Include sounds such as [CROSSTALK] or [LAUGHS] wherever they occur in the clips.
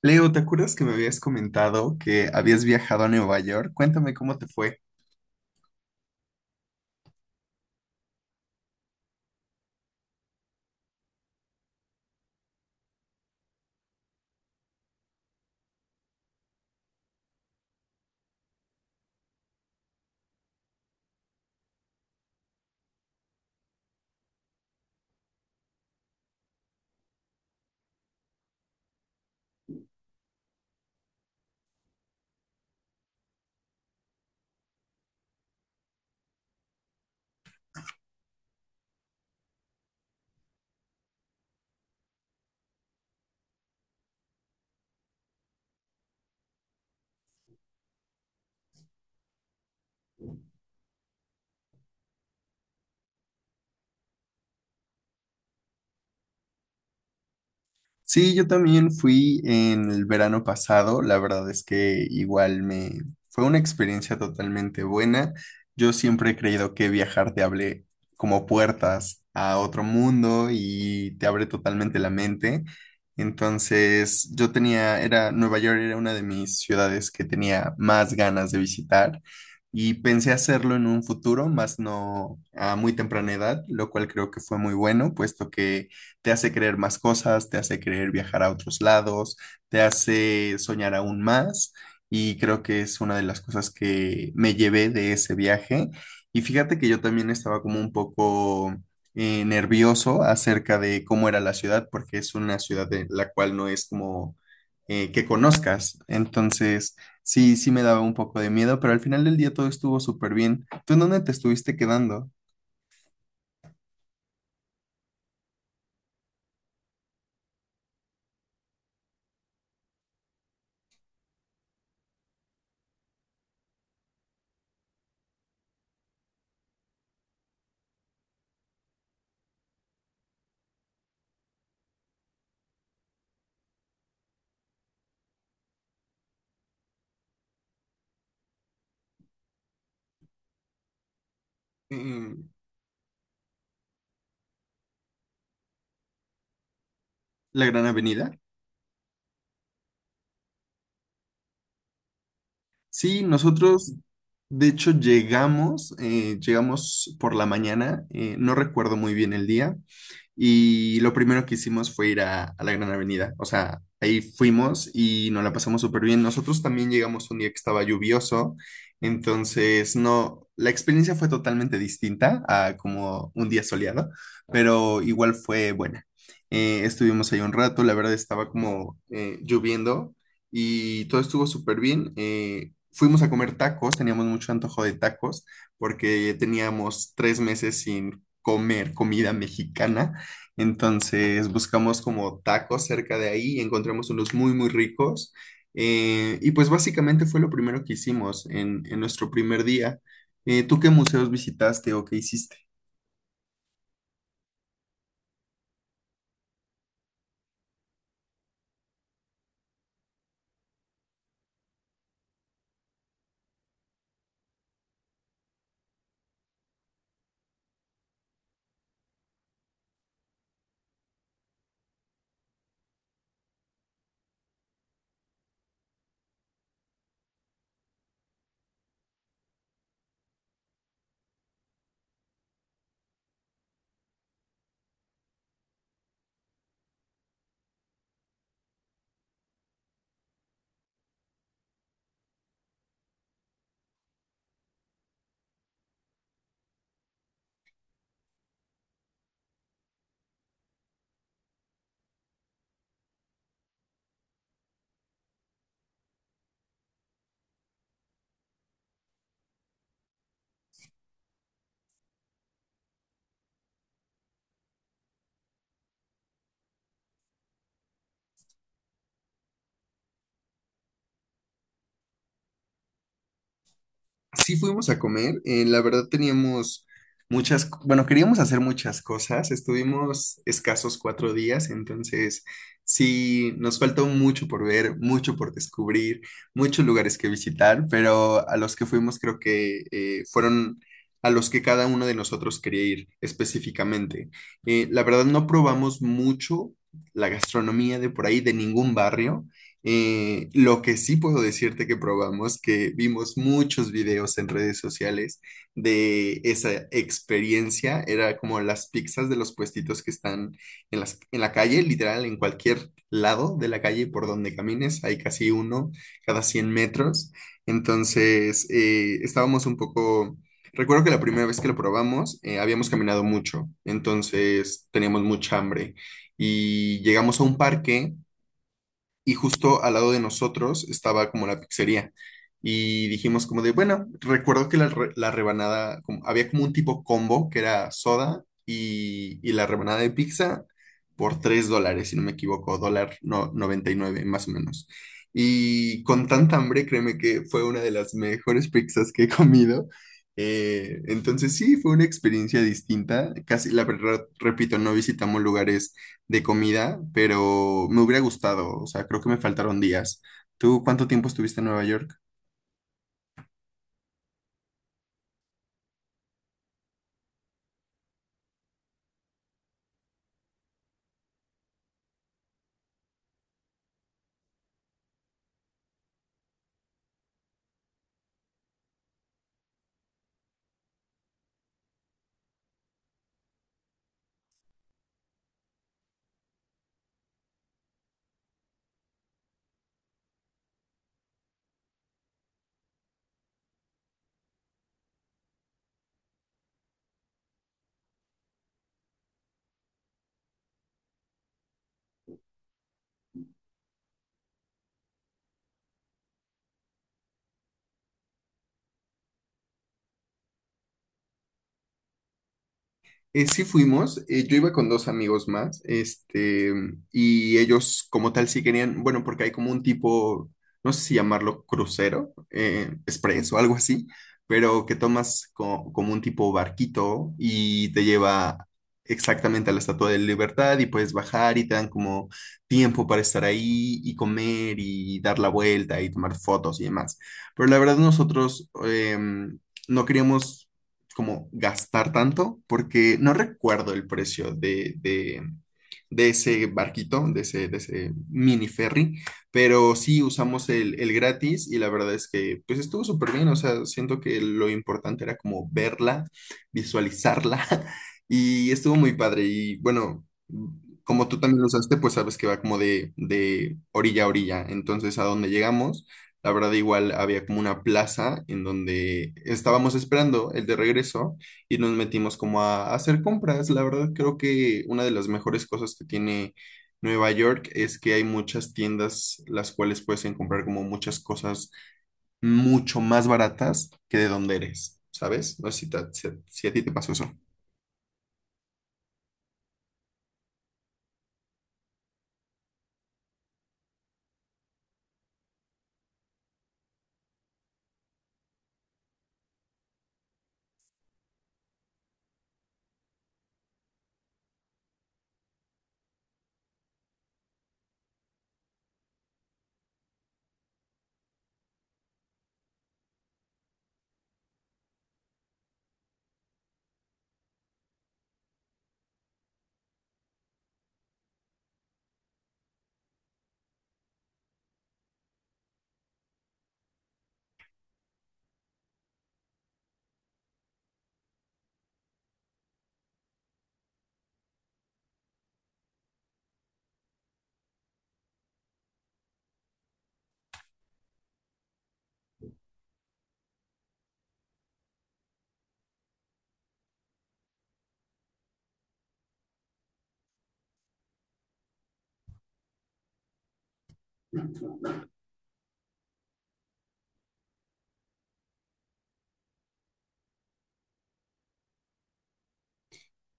Leo, ¿te acuerdas que me habías comentado que habías viajado a Nueva York? Cuéntame cómo te fue. Sí, yo también fui en el verano pasado, la verdad es que igual me fue una experiencia totalmente buena. Yo siempre he creído que viajar te abre como puertas a otro mundo y te abre totalmente la mente. Entonces, Nueva York era una de mis ciudades que tenía más ganas de visitar y pensé hacerlo en un futuro, más no a muy temprana edad, lo cual creo que fue muy bueno, puesto que te hace creer más cosas, te hace creer viajar a otros lados, te hace soñar aún más y creo que es una de las cosas que me llevé de ese viaje. Y fíjate que yo también estaba como un poco nervioso acerca de cómo era la ciudad, porque es una ciudad de la cual no es como que conozcas. Entonces, sí, sí me daba un poco de miedo, pero al final del día todo estuvo súper bien. ¿Tú en dónde te estuviste quedando? ¿En la Gran Avenida? Sí, nosotros de hecho llegamos por la mañana, no recuerdo muy bien el día, y lo primero que hicimos fue ir a la Gran Avenida. O sea, ahí fuimos y nos la pasamos súper bien. Nosotros también llegamos un día que estaba lluvioso. Entonces, no, la experiencia fue totalmente distinta a como un día soleado, pero igual fue buena. Estuvimos ahí un rato, la verdad estaba como lloviendo y todo estuvo súper bien. Fuimos a comer tacos, teníamos mucho antojo de tacos porque teníamos 3 meses sin comer comida mexicana. Entonces buscamos como tacos cerca de ahí, encontramos unos muy, muy ricos. Y pues básicamente fue lo primero que hicimos en nuestro primer día. ¿Tú qué museos visitaste o qué hiciste? Sí fuimos a comer, la verdad teníamos bueno, queríamos hacer muchas cosas, estuvimos escasos 4 días, entonces sí, nos faltó mucho por ver, mucho por descubrir, muchos lugares que visitar, pero a los que fuimos creo que fueron a los que cada uno de nosotros quería ir específicamente. La verdad no probamos mucho la gastronomía de por ahí, de ningún barrio. Lo que sí puedo decirte que probamos, que vimos muchos videos en redes sociales de esa experiencia, era como las pizzas de los puestitos que están en la calle, literal, en cualquier lado de la calle por donde camines, hay casi uno cada 100 metros. Entonces, estábamos un poco... Recuerdo que la primera vez que lo probamos, habíamos caminado mucho, entonces teníamos mucha hambre y llegamos a un parque y justo al lado de nosotros estaba como la pizzería. Y dijimos como de, bueno, recuerdo que la rebanada, había como un tipo combo que era soda y la rebanada de pizza por $3, si no me equivoco, dólar no, 99 más o menos. Y con tanta hambre, créeme que fue una de las mejores pizzas que he comido. Entonces sí, fue una experiencia distinta. Casi, la verdad, repito, no visitamos lugares de comida, pero me hubiera gustado, o sea, creo que me faltaron días. ¿Tú cuánto tiempo estuviste en Nueva York? Sí fuimos, yo iba con dos amigos más, y ellos como tal sí querían, bueno, porque hay como un tipo, no sé si llamarlo crucero, express o algo así, pero que tomas como un tipo barquito y te lleva exactamente a la Estatua de Libertad y puedes bajar y te dan como tiempo para estar ahí y comer y dar la vuelta y tomar fotos y demás. Pero la verdad nosotros no queríamos como gastar tanto, porque no recuerdo el precio de ese barquito, de ese mini ferry, pero sí usamos el gratis y la verdad es que pues estuvo súper bien, o sea, siento que lo importante era como verla, visualizarla [LAUGHS] y estuvo muy padre y bueno, como tú también lo usaste, pues sabes que va como de orilla a orilla, entonces a donde llegamos. La verdad, igual había como una plaza en donde estábamos esperando el de regreso y nos metimos como a hacer compras. La verdad, creo que una de las mejores cosas que tiene Nueva York es que hay muchas tiendas las cuales puedes comprar como muchas cosas mucho más baratas que de donde eres, ¿sabes? No sé si a ti te pasó eso.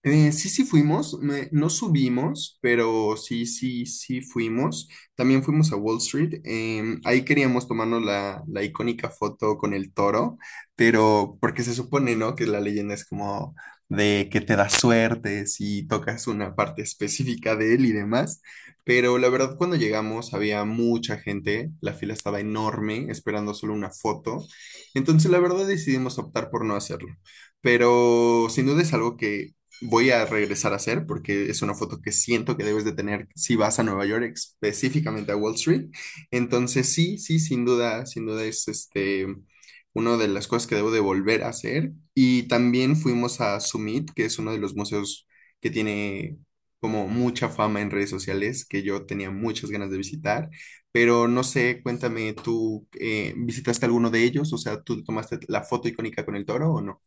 Sí, sí fuimos, no subimos, pero sí, sí, sí fuimos. También fuimos a Wall Street. Ahí queríamos tomarnos la icónica foto con el toro, pero porque se supone, ¿no? Que la leyenda es como de que te da suerte si tocas una parte específica de él y demás. Pero la verdad, cuando llegamos había mucha gente, la fila estaba enorme, esperando solo una foto. Entonces, la verdad, decidimos optar por no hacerlo pero sin duda es algo que voy a regresar a hacer porque es una foto que siento que debes de tener si vas a Nueva York, específicamente a Wall Street. Entonces, sí, sí, sin duda, sin duda es una de las cosas que debo de volver a hacer. Y también fuimos a Summit, que es uno de los museos que tiene como mucha fama en redes sociales, que yo tenía muchas ganas de visitar, pero no sé, cuéntame, ¿tú visitaste alguno de ellos? O sea, ¿tú tomaste la foto icónica con el toro o no?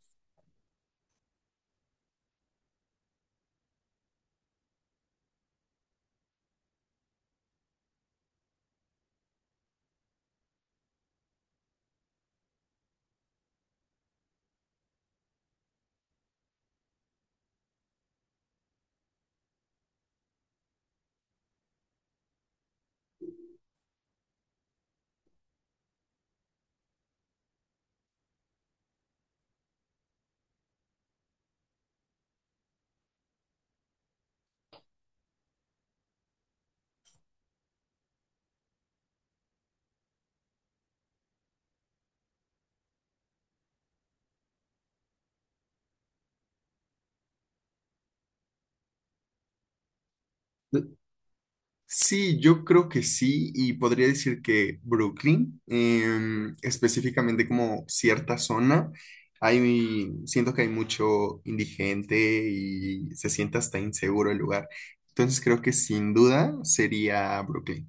Sí, yo creo que sí, y podría decir que Brooklyn, específicamente como cierta zona, hay, siento que hay mucho indigente y se siente hasta inseguro el lugar. Entonces creo que sin duda sería Brooklyn.